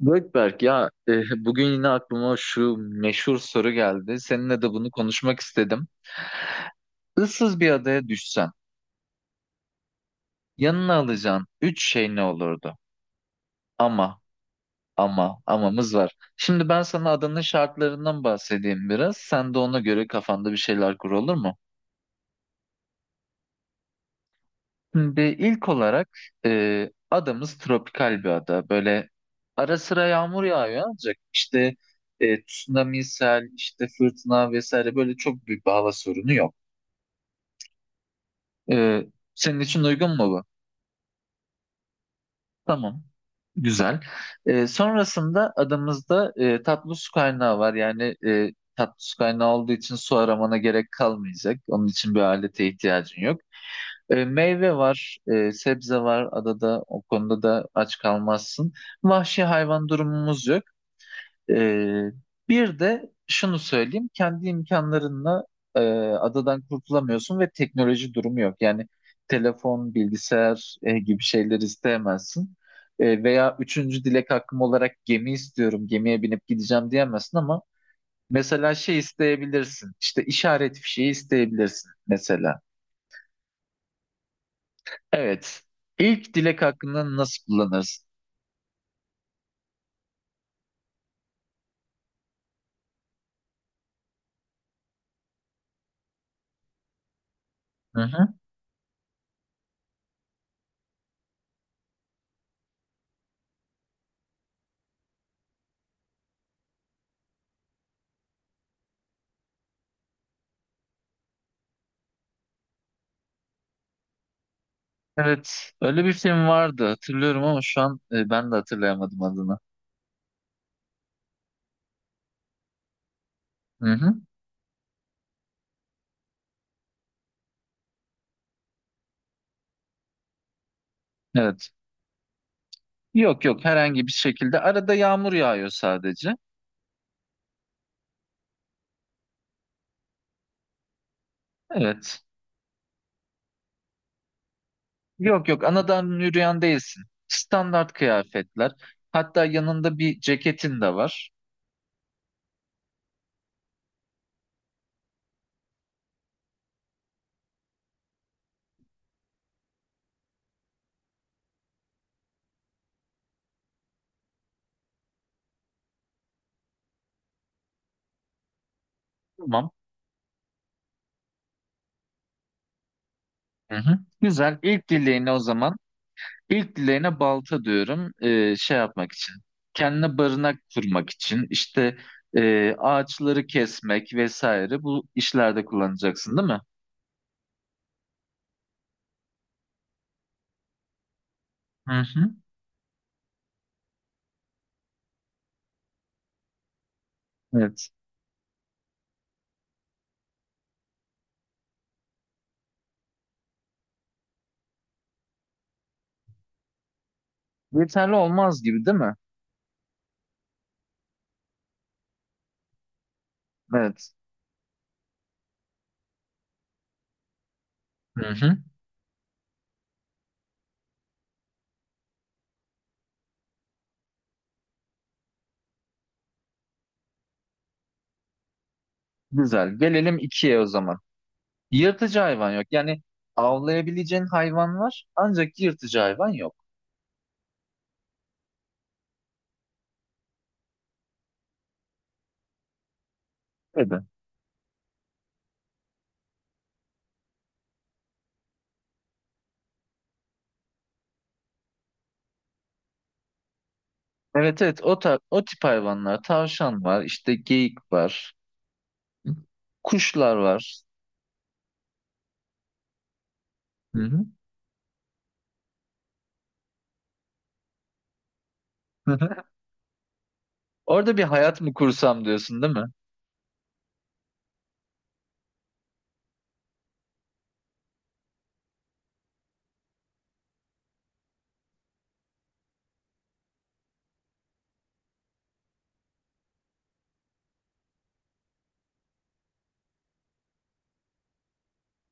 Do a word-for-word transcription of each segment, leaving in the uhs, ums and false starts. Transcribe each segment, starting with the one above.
Gökberk ya e, bugün yine aklıma şu meşhur soru geldi. Seninle de bunu konuşmak istedim. Issız bir adaya düşsen yanına alacağın üç şey ne olurdu? Ama ama amamız var. Şimdi ben sana adanın şartlarından bahsedeyim biraz. Sen de ona göre kafanda bir şeyler kur, olur mu? Şimdi ilk olarak e, adamız tropikal bir ada. Böyle ara sıra yağmur yağıyor ancak işte e, tsunami, sel, işte fırtına vesaire böyle çok büyük bir hava sorunu yok. Ee, senin için uygun mu bu? Tamam. Güzel. Ee, sonrasında adamızda e, tatlı su kaynağı var. Yani e, tatlı su kaynağı olduğu için su aramana gerek kalmayacak. Onun için bir alete ihtiyacın yok. Ee, meyve var, e, sebze var adada. O konuda da aç kalmazsın. Vahşi hayvan durumumuz yok. Ee, bir de şunu söyleyeyim, kendi imkanlarınla e, adadan kurtulamıyorsun ve teknoloji durumu yok. Yani telefon, bilgisayar e, gibi şeyler isteyemezsin. E, veya üçüncü dilek hakkım olarak gemi istiyorum, gemiye binip gideceğim diyemezsin ama mesela şey isteyebilirsin, işte işaret fişeği isteyebilirsin mesela. Evet, ilk dilek hakkını nasıl kullanırsın? Hı hı. Evet, öyle bir film vardı, hatırlıyorum ama şu an e, ben de hatırlayamadım adını. Hı hı. Evet. Yok yok, herhangi bir şekilde. Arada yağmur yağıyor sadece. Evet. Yok yok, anadan yürüyen değilsin. Standart kıyafetler. Hatta yanında bir ceketin de var. Tamam. Hı hı. Güzel. İlk dileğine o zaman. İlk dileğine balta diyorum. Ee, şey yapmak için. Kendine barınak kurmak için. İşte e, ağaçları kesmek vesaire. Bu işlerde kullanacaksın değil mi? Hı hı. Evet. Yeterli olmaz gibi değil mi? Evet. Hı hı. Güzel. Gelelim ikiye o zaman. Yırtıcı hayvan yok. Yani avlayabileceğin hayvan var ancak yırtıcı hayvan yok. Evet. Evet evet, o, ta- o tip hayvanlar. Tavşan var, işte geyik var, kuşlar var. Hı hı. Orada bir hayat mı kursam diyorsun değil mi?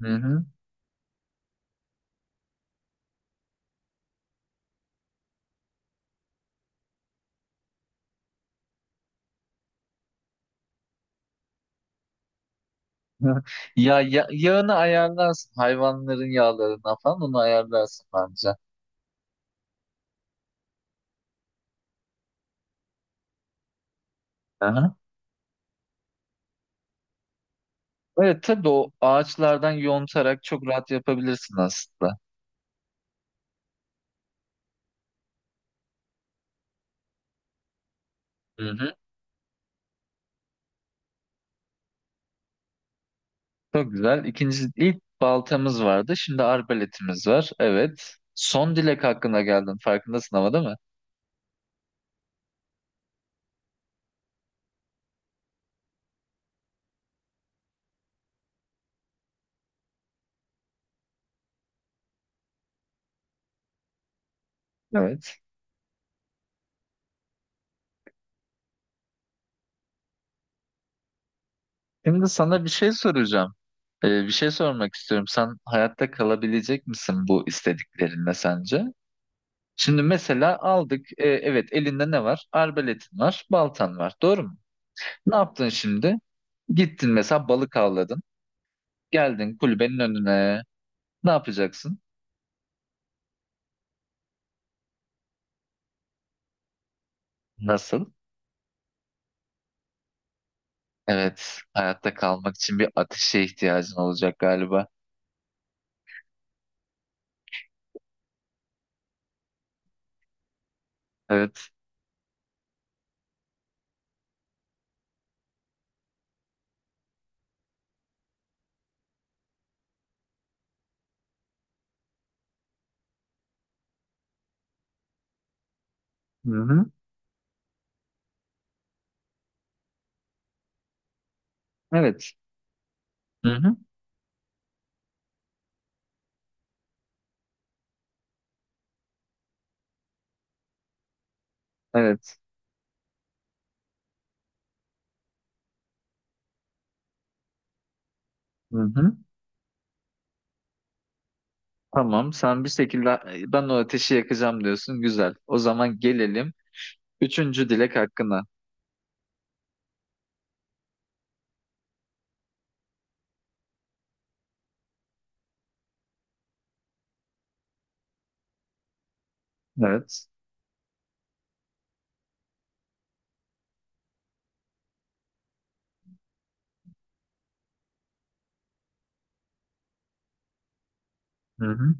Hı hı. Ya, ya yağını ayarlarsın. Hayvanların yağlarına falan onu ayarlarsın bence. Aha. Evet tabii, o ağaçlardan yontarak çok rahat yapabilirsin aslında. Hı hı. Çok güzel. İkinci, ilk baltamız vardı. Şimdi arbaletimiz var. Evet. Son dilek hakkında geldin. Farkındasın ama değil mi? Evet. Şimdi sana bir şey soracağım. Ee, bir şey sormak istiyorum. Sen hayatta kalabilecek misin bu istediklerinle sence? Şimdi mesela aldık. Ee, evet, elinde ne var? Arbaletin var, baltan var. Doğru mu? Ne yaptın şimdi? Gittin mesela balık avladın. Geldin kulübenin önüne. Ne yapacaksın? Nasıl? Evet, hayatta kalmak için bir ateşe ihtiyacın olacak galiba. Evet. Hı-hı. Evet. Hı-hı. Evet. Hı-hı. Tamam, sen bir şekilde ben o ateşi yakacağım diyorsun. Güzel. O zaman gelelim üçüncü dilek hakkına. Evet. Hı-hı.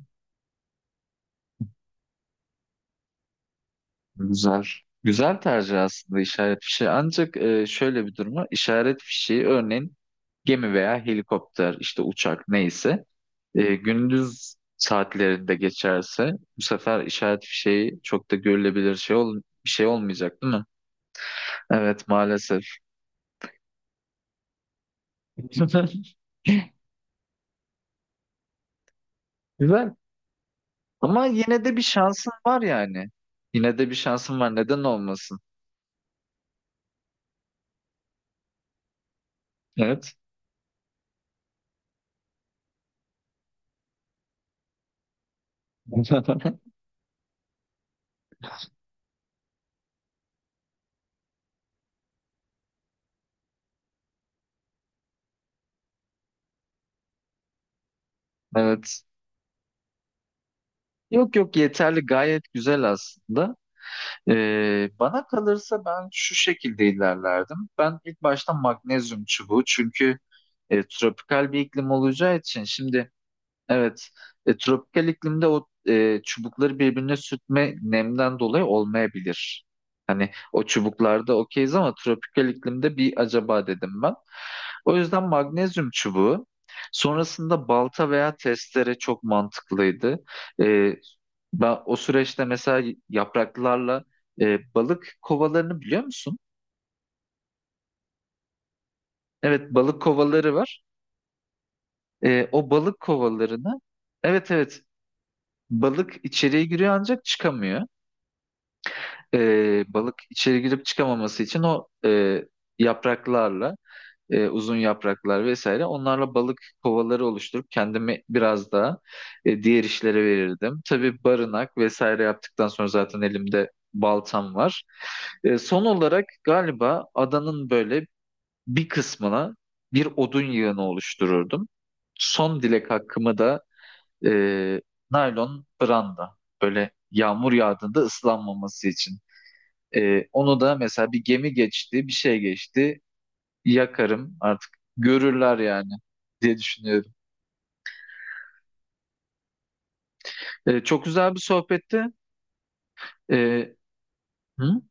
Güzel. Güzel tercih aslında işaret fişeği. Ancak e, şöyle bir durum var. İşaret fişeği örneğin gemi veya helikopter, işte uçak neyse. E, gündüz saatlerinde geçerse bu sefer işaret fişeği çok da görülebilir şey ol bir şey olmayacak değil mi? Evet maalesef. Güzel. Ama yine de bir şansın var yani. Yine de bir şansın var. Neden olmasın? Evet. Evet. Yok yok, yeterli, gayet güzel aslında. Ee, bana kalırsa ben şu şekilde ilerlerdim. Ben ilk başta magnezyum çubuğu, çünkü e, tropikal bir iklim olacağı için şimdi evet. E, tropikal iklimde o e, çubukları birbirine sürtme nemden dolayı olmayabilir. Hani o çubuklarda okeyiz ama tropikal iklimde bir acaba dedim ben. O yüzden magnezyum çubuğu. Sonrasında balta veya testere çok mantıklıydı. E, ben o süreçte mesela yapraklarla e, balık kovalarını biliyor musun? Evet, balık kovaları var. E, o balık kovalarını, evet evet, balık içeriye giriyor ancak çıkamıyor. e, balık içeri girip çıkamaması için o e, yapraklarla e, uzun yapraklar vesaire, onlarla balık kovaları oluşturup kendimi biraz daha e, diğer işlere verirdim. Tabii barınak vesaire yaptıktan sonra zaten elimde baltam var. E, son olarak galiba adanın böyle bir kısmına bir odun yığını oluştururdum. Son dilek hakkımı da e, naylon branda, böyle yağmur yağdığında ıslanmaması için. Ee, onu da mesela bir gemi geçti, bir şey geçti, yakarım artık, görürler yani diye düşünüyorum. Ee, çok güzel bir sohbetti. Ee, hı?